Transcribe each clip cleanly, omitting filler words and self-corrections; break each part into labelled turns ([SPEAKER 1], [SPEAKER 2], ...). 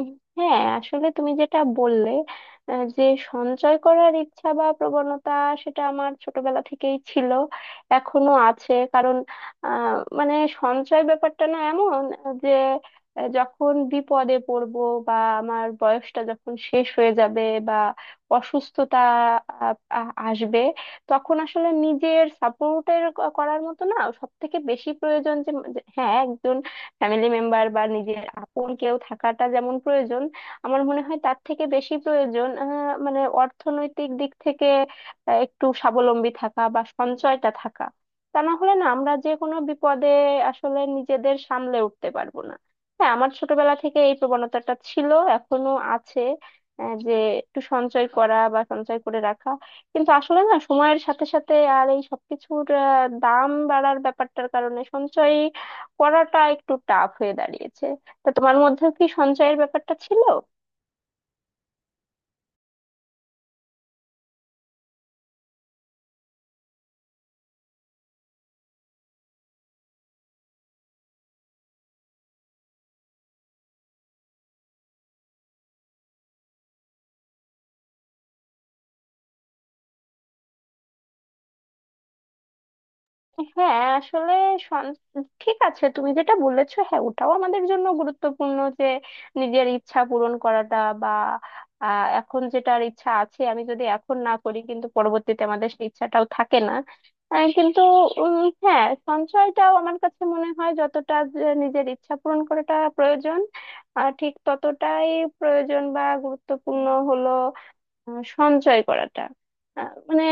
[SPEAKER 1] উম, হ্যাঁ আসলে তুমি যেটা বললে যে সঞ্চয় করার ইচ্ছা বা প্রবণতা সেটা আমার ছোটবেলা থেকেই ছিল এখনো আছে কারণ মানে সঞ্চয় ব্যাপারটা না এমন যে যখন বিপদে পড়বো বা আমার বয়সটা যখন শেষ হয়ে যাবে বা অসুস্থতা আসবে তখন আসলে নিজের সাপোর্টের করার মতো না সব থেকে বেশি প্রয়োজন যে যে- হ্যাঁ একজন ফ্যামিলি মেম্বার বা নিজের আপন কেউ থাকাটা যেমন প্রয়োজন আমার মনে হয় তার থেকে বেশি প্রয়োজন মানে অর্থনৈতিক দিক থেকে একটু স্বাবলম্বী থাকা বা সঞ্চয়টা থাকা, তা না হলে না আমরা যে কোনো বিপদে আসলে নিজেদের সামলে উঠতে পারবো না। হ্যাঁ আমার ছোটবেলা থেকে এই প্রবণতাটা ছিল এখনো আছে যে একটু সঞ্চয় করা বা সঞ্চয় করে রাখা, কিন্তু আসলে না সময়ের সাথে সাথে আর এই সবকিছুর দাম বাড়ার ব্যাপারটার কারণে সঞ্চয় পড়াটা একটু টাফ হয়ে দাঁড়িয়েছে। তা তোমার মধ্যেও কি সঞ্চয়ের ব্যাপারটা ছিল? হ্যাঁ আসলে সন- ঠিক আছে, তুমি যেটা বলেছো হ্যাঁ ওটাও আমাদের জন্য গুরুত্বপূর্ণ যে নিজের ইচ্ছা পূরণ করাটা বা এখন যেটার ইচ্ছা আছে আমি যদি এখন না করি কিন্তু পরবর্তীতে আমাদের সেই ইচ্ছাটাও থাকে না কিন্তু উম, হ্যাঁ সঞ্চয়টাও আমার কাছে মনে হয় যতটা যে নিজের ইচ্ছা পূরণ করাটা প্রয়োজন ঠিক ততটাই প্রয়োজন বা গুরুত্বপূর্ণ হলো সঞ্চয় করাটা। মানে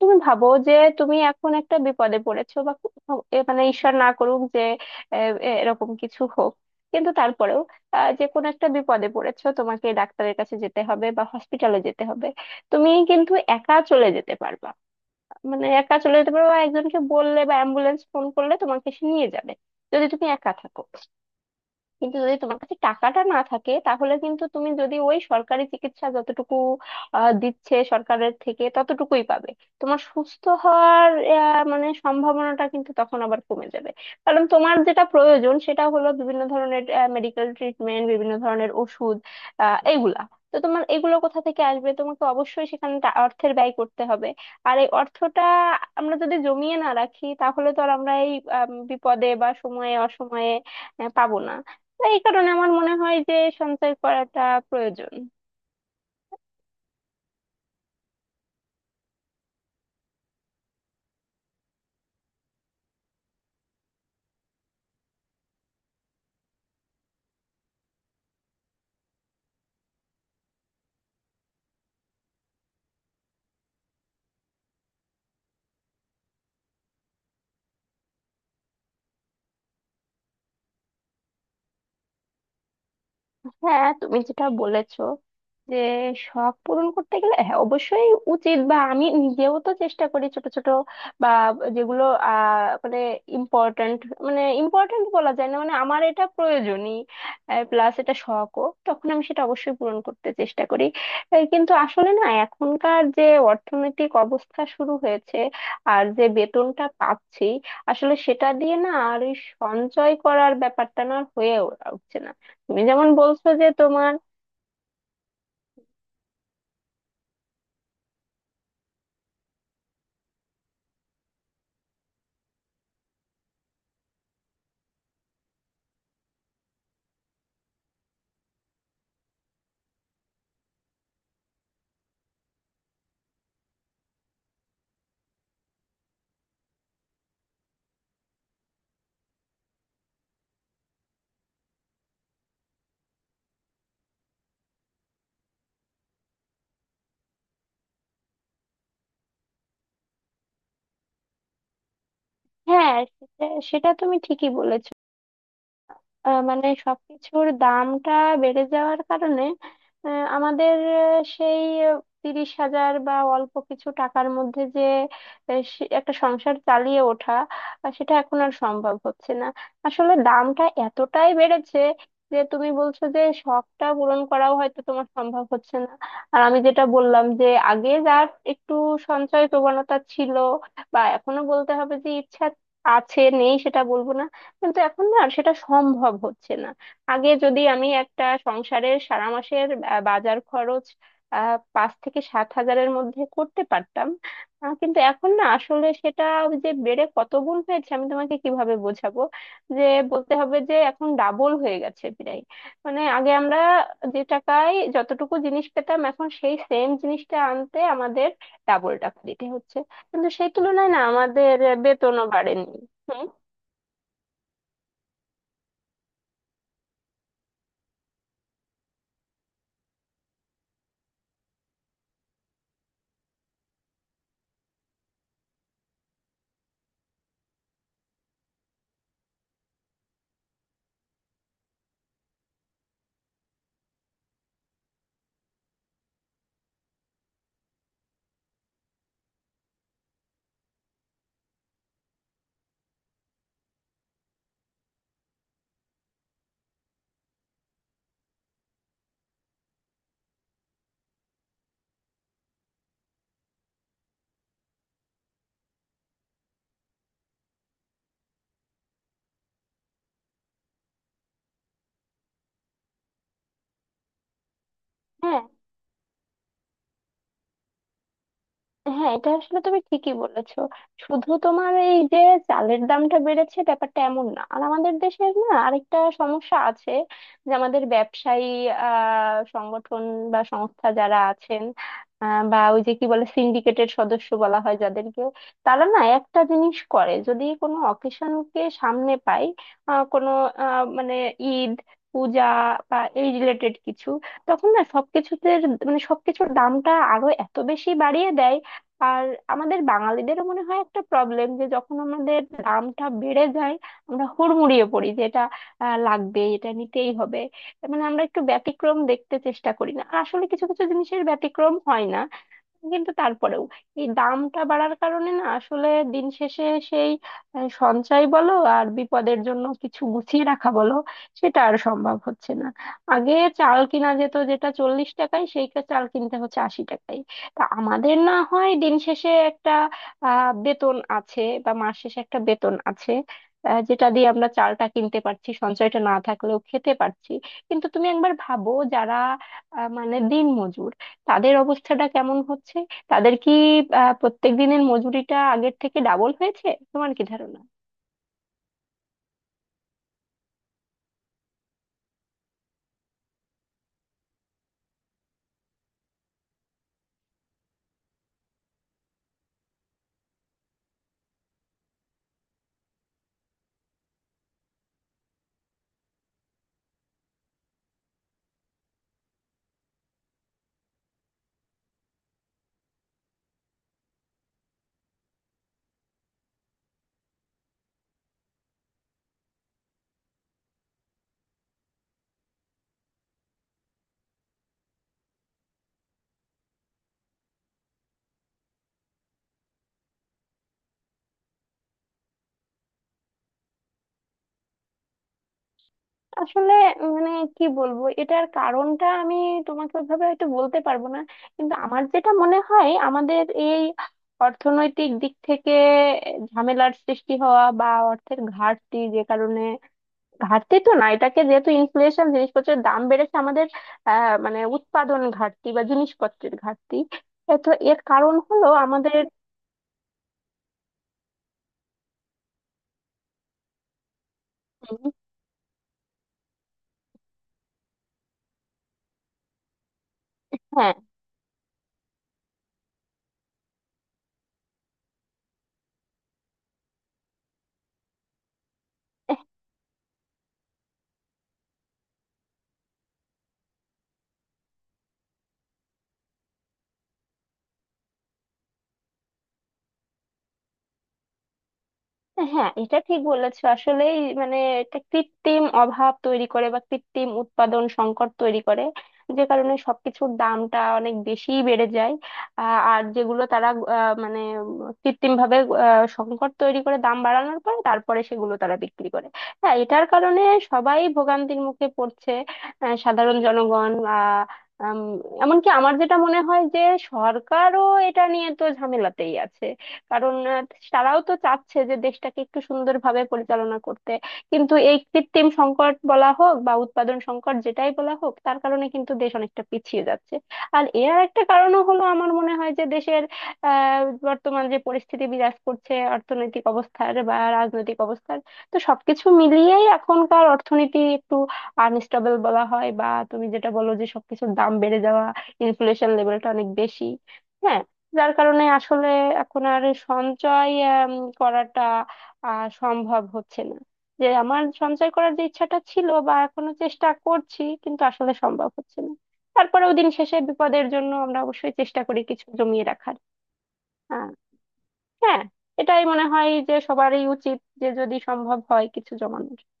[SPEAKER 1] তুমি ভাবো যে তুমি এখন একটা বিপদে পড়েছো বা এ মানে ঈশ্বর না করুক যে আহ, এরকম কিছু হোক, কিন্তু তারপরেও যে কোনো একটা বিপদে পড়েছো, তোমাকে ডাক্তারের কাছে যেতে হবে বা হসপিটালে যেতে হবে, তুমি কিন্তু একা চলে যেতে পারবা, মানে একা চলে যেতে পারবা বা একজনকে বললে বা অ্যাম্বুলেন্স ফোন করলে তোমাকে সে নিয়ে যাবে যদি তুমি একা থাকো। কিন্তু যদি তোমার কাছে টাকাটা না থাকে তাহলে কিন্তু তুমি, যদি ওই সরকারি চিকিৎসা যতটুকু দিচ্ছে সরকারের থেকে ততটুকুই পাবে। তোমার সুস্থ হওয়ার মানে সম্ভাবনাটা কিন্তু তখন আবার কমে যাবে, কারণ তোমার যেটা প্রয়োজন সেটা হলো বিভিন্ন ধরনের মেডিকেল ট্রিটমেন্ট, বিভিন্ন ধরনের ওষুধ এইগুলা। তো তোমার এগুলো কোথা থেকে আসবে, তোমাকে অবশ্যই সেখানে অর্থের ব্যয় করতে হবে। আর এই অর্থটা আমরা যদি জমিয়ে না রাখি তাহলে তো আর আমরা এই বিপদে বা সময়ে অসময়ে পাবো না। তো এই কারণে আমার মনে হয় যে সঞ্চয় করাটা প্রয়োজন। হ্যাঁ তুমি যেটা বলেছো যে শখ পূরণ করতে গেলে, হ্যাঁ অবশ্যই উচিত, বা আমি নিজেও তো চেষ্টা করি ছোট ছোট বা যেগুলো মানে ইম্পর্ট্যান্ট, মানে ইম্পর্ট্যান্ট বলা যায় না, মানে আমার এটা প্রয়োজনই প্লাস এটা শখও, তখন আমি সেটা অবশ্যই পূরণ করতে চেষ্টা করি। এই কিন্তু আসলে না এখনকার যে অর্থনৈতিক অবস্থা শুরু হয়েছে আর যে বেতনটা পাচ্ছি, আসলে সেটা দিয়ে না আর ওই সঞ্চয় করার ব্যাপারটা না আর হয়ে উঠছে না। তুমি যেমন বলছো যে তোমার, হ্যাঁ সেটা, সেটা তুমি ঠিকই বলেছো। মানে সবকিছুর দামটা বেড়ে যাওয়ার কারণে আমাদের সেই 30,000 বা অল্প কিছু টাকার মধ্যে যে একটা সংসার চালিয়ে ওঠা সেটা এখন আর সম্ভব হচ্ছে না। আসলে দামটা এতটাই বেড়েছে যে তুমি বলছো যে শখটা পূরণ করাও হয়তো তোমার সম্ভব হচ্ছে না। আর আমি যেটা বললাম যে আগে যার একটু সঞ্চয় প্রবণতা ছিল বা এখনো, বলতে হবে যে ইচ্ছা আছে, নেই সেটা বলবো না, কিন্তু এখন না আর সেটা সম্ভব হচ্ছে না। আগে যদি আমি একটা সংসারের সারা মাসের বাজার খরচ 5 থেকে 7 হাজারের মধ্যে করতে পারতাম কিন্তু এখন না আসলে সেটা, ওই যে বেড়ে কত গুণ হয়েছে আমি তোমাকে কিভাবে বোঝাবো, যে বলতে হবে যে এখন ডাবল হয়ে গেছে প্রায়। মানে আগে আমরা যে টাকায় যতটুকু জিনিস পেতাম এখন সেই সেম জিনিসটা আনতে আমাদের ডাবল টাকা দিতে হচ্ছে, কিন্তু সেই তুলনায় না আমাদের বেতনও বাড়েনি। হুম, হ্যাঁ, হ্যাঁ এটা আসলে তুমি ঠিকই বলেছো। শুধু তোমার এই যে চালের দামটা বেড়েছে ব্যাপারটা এমন না, আর আমাদের দেশের না আরেকটা সমস্যা আছে যে আমাদের ব্যবসায়ী সংগঠন বা সংস্থা যারা আছেন বা ওই যে কি বলে সিন্ডিকেটের সদস্য বলা হয় যাদেরকে, তারা না একটা জিনিস করে যদি কোনো অকেশনকে সামনে পায় কোনো মানে ঈদ, পূজা বা এই রিলেটেড কিছু, তখন না সবকিছুতে মানে সবকিছুর দামটা আরো এত বেশি বাড়িয়ে দেয়। আর আমাদের বাঙালিদেরও মনে হয় একটা প্রবলেম যে যখন আমাদের দামটা বেড়ে যায় আমরা হুড়মুড়িয়ে পড়ি যে এটা লাগবে, এটা নিতেই হবে, মানে আমরা একটু ব্যতিক্রম দেখতে চেষ্টা করি না, আর আসলে কিছু কিছু জিনিসের ব্যতিক্রম হয় না। কিন্তু তারপরেও এই দামটা বাড়ার কারণে না আসলে দিন শেষে সেই সঞ্চয় বলো আর বিপদের জন্য কিছু গুছিয়ে রাখা বলো, সেটা আর সম্ভব হচ্ছে না। আগে চাল কিনা যেত যেটা 40 টাকায় সেই চাল কিনতে হচ্ছে 80 টাকায়। তা আমাদের না হয় দিন শেষে একটা বেতন আছে বা মাস শেষে একটা বেতন আছে যেটা দিয়ে আমরা চালটা কিনতে পারছি, সঞ্চয়টা না থাকলেও খেতে পারছি। কিন্তু তুমি একবার ভাবো যারা মানে দিনমজুর, তাদের অবস্থাটা কেমন হচ্ছে? তাদের কি প্রত্যেক দিনের মজুরিটা আগের থেকে ডাবল হয়েছে, তোমার কি ধারণা? আসলে মানে কি বলবো, এটার কারণটা আমি তোমাকে ওইভাবে হয়তো বলতে পারবো না, কিন্তু আমার যেটা মনে হয় আমাদের এই অর্থনৈতিক দিক থেকে ঝামেলার সৃষ্টি হওয়া বা অর্থের ঘাটতি যে কারণে, ঘাটতি তো না এটাকে, যেহেতু ইনফ্লেশন জিনিসপত্রের দাম বেড়েছে আমাদের, মানে উৎপাদন ঘাটতি বা জিনিসপত্রের ঘাটতি এ তো, এর কারণ হলো আমাদের, হ্যাঁ হ্যাঁ এটা ঠিক বলেছো আসলেই, মানে এটা কৃত্রিম অভাব তৈরি করে বা কৃত্রিম উৎপাদন সংকট তৈরি করে, যে কারণে সবকিছুর দামটা অনেক বেশি বেড়ে যায়। আর যেগুলো তারা মানে কৃত্রিম ভাবে সংকট তৈরি করে দাম বাড়ানোর পরে তারপরে সেগুলো তারা বিক্রি করে। হ্যাঁ এটার কারণে সবাই ভোগান্তির মুখে পড়ছে, সাধারণ জনগণ। উম, এমনকি আমার যেটা মনে হয় যে সরকারও এটা নিয়ে তো ঝামেলাতেই আছে, কারণ তারাও তো চাচ্ছে যে দেশটাকে একটু সুন্দরভাবে পরিচালনা করতে, কিন্তু এই কৃত্রিম সংকট বলা হোক বা উৎপাদন সংকট যেটাই বলা হোক তার কারণে কিন্তু দেশ অনেকটা পিছিয়ে যাচ্ছে। আর এর একটা কারণও হলো আমার মনে হয় যে দেশের আহ বর্তমান যে পরিস্থিতি বিরাজ করছে অর্থনৈতিক অবস্থার বা রাজনৈতিক অবস্থার, তো সবকিছু মিলিয়েই এখনকার অর্থনীতি একটু আনস্টেবল বলা হয়, বা তুমি যেটা বলো যে সবকিছুর দাম বেড়ে যাওয়া, ইনফ্লেশন লেভেলটা অনেক বেশি। হ্যাঁ, যার কারণে আসলে এখন আর সঞ্চয় উম, করাটা সম্ভব হচ্ছে না, যে আমার সঞ্চয় করার যে ইচ্ছাটা ছিল বা এখনো চেষ্টা করছি কিন্তু আসলে সম্ভব হচ্ছে না। তারপরেও দিন শেষে বিপদের জন্য আমরা অবশ্যই চেষ্টা করি কিছু জমিয়ে রাখার। আহ, হ্যাঁ এটাই মনে হয় যে সবারই উচিত যে যদি সম্ভব হয় কিছু জমানো।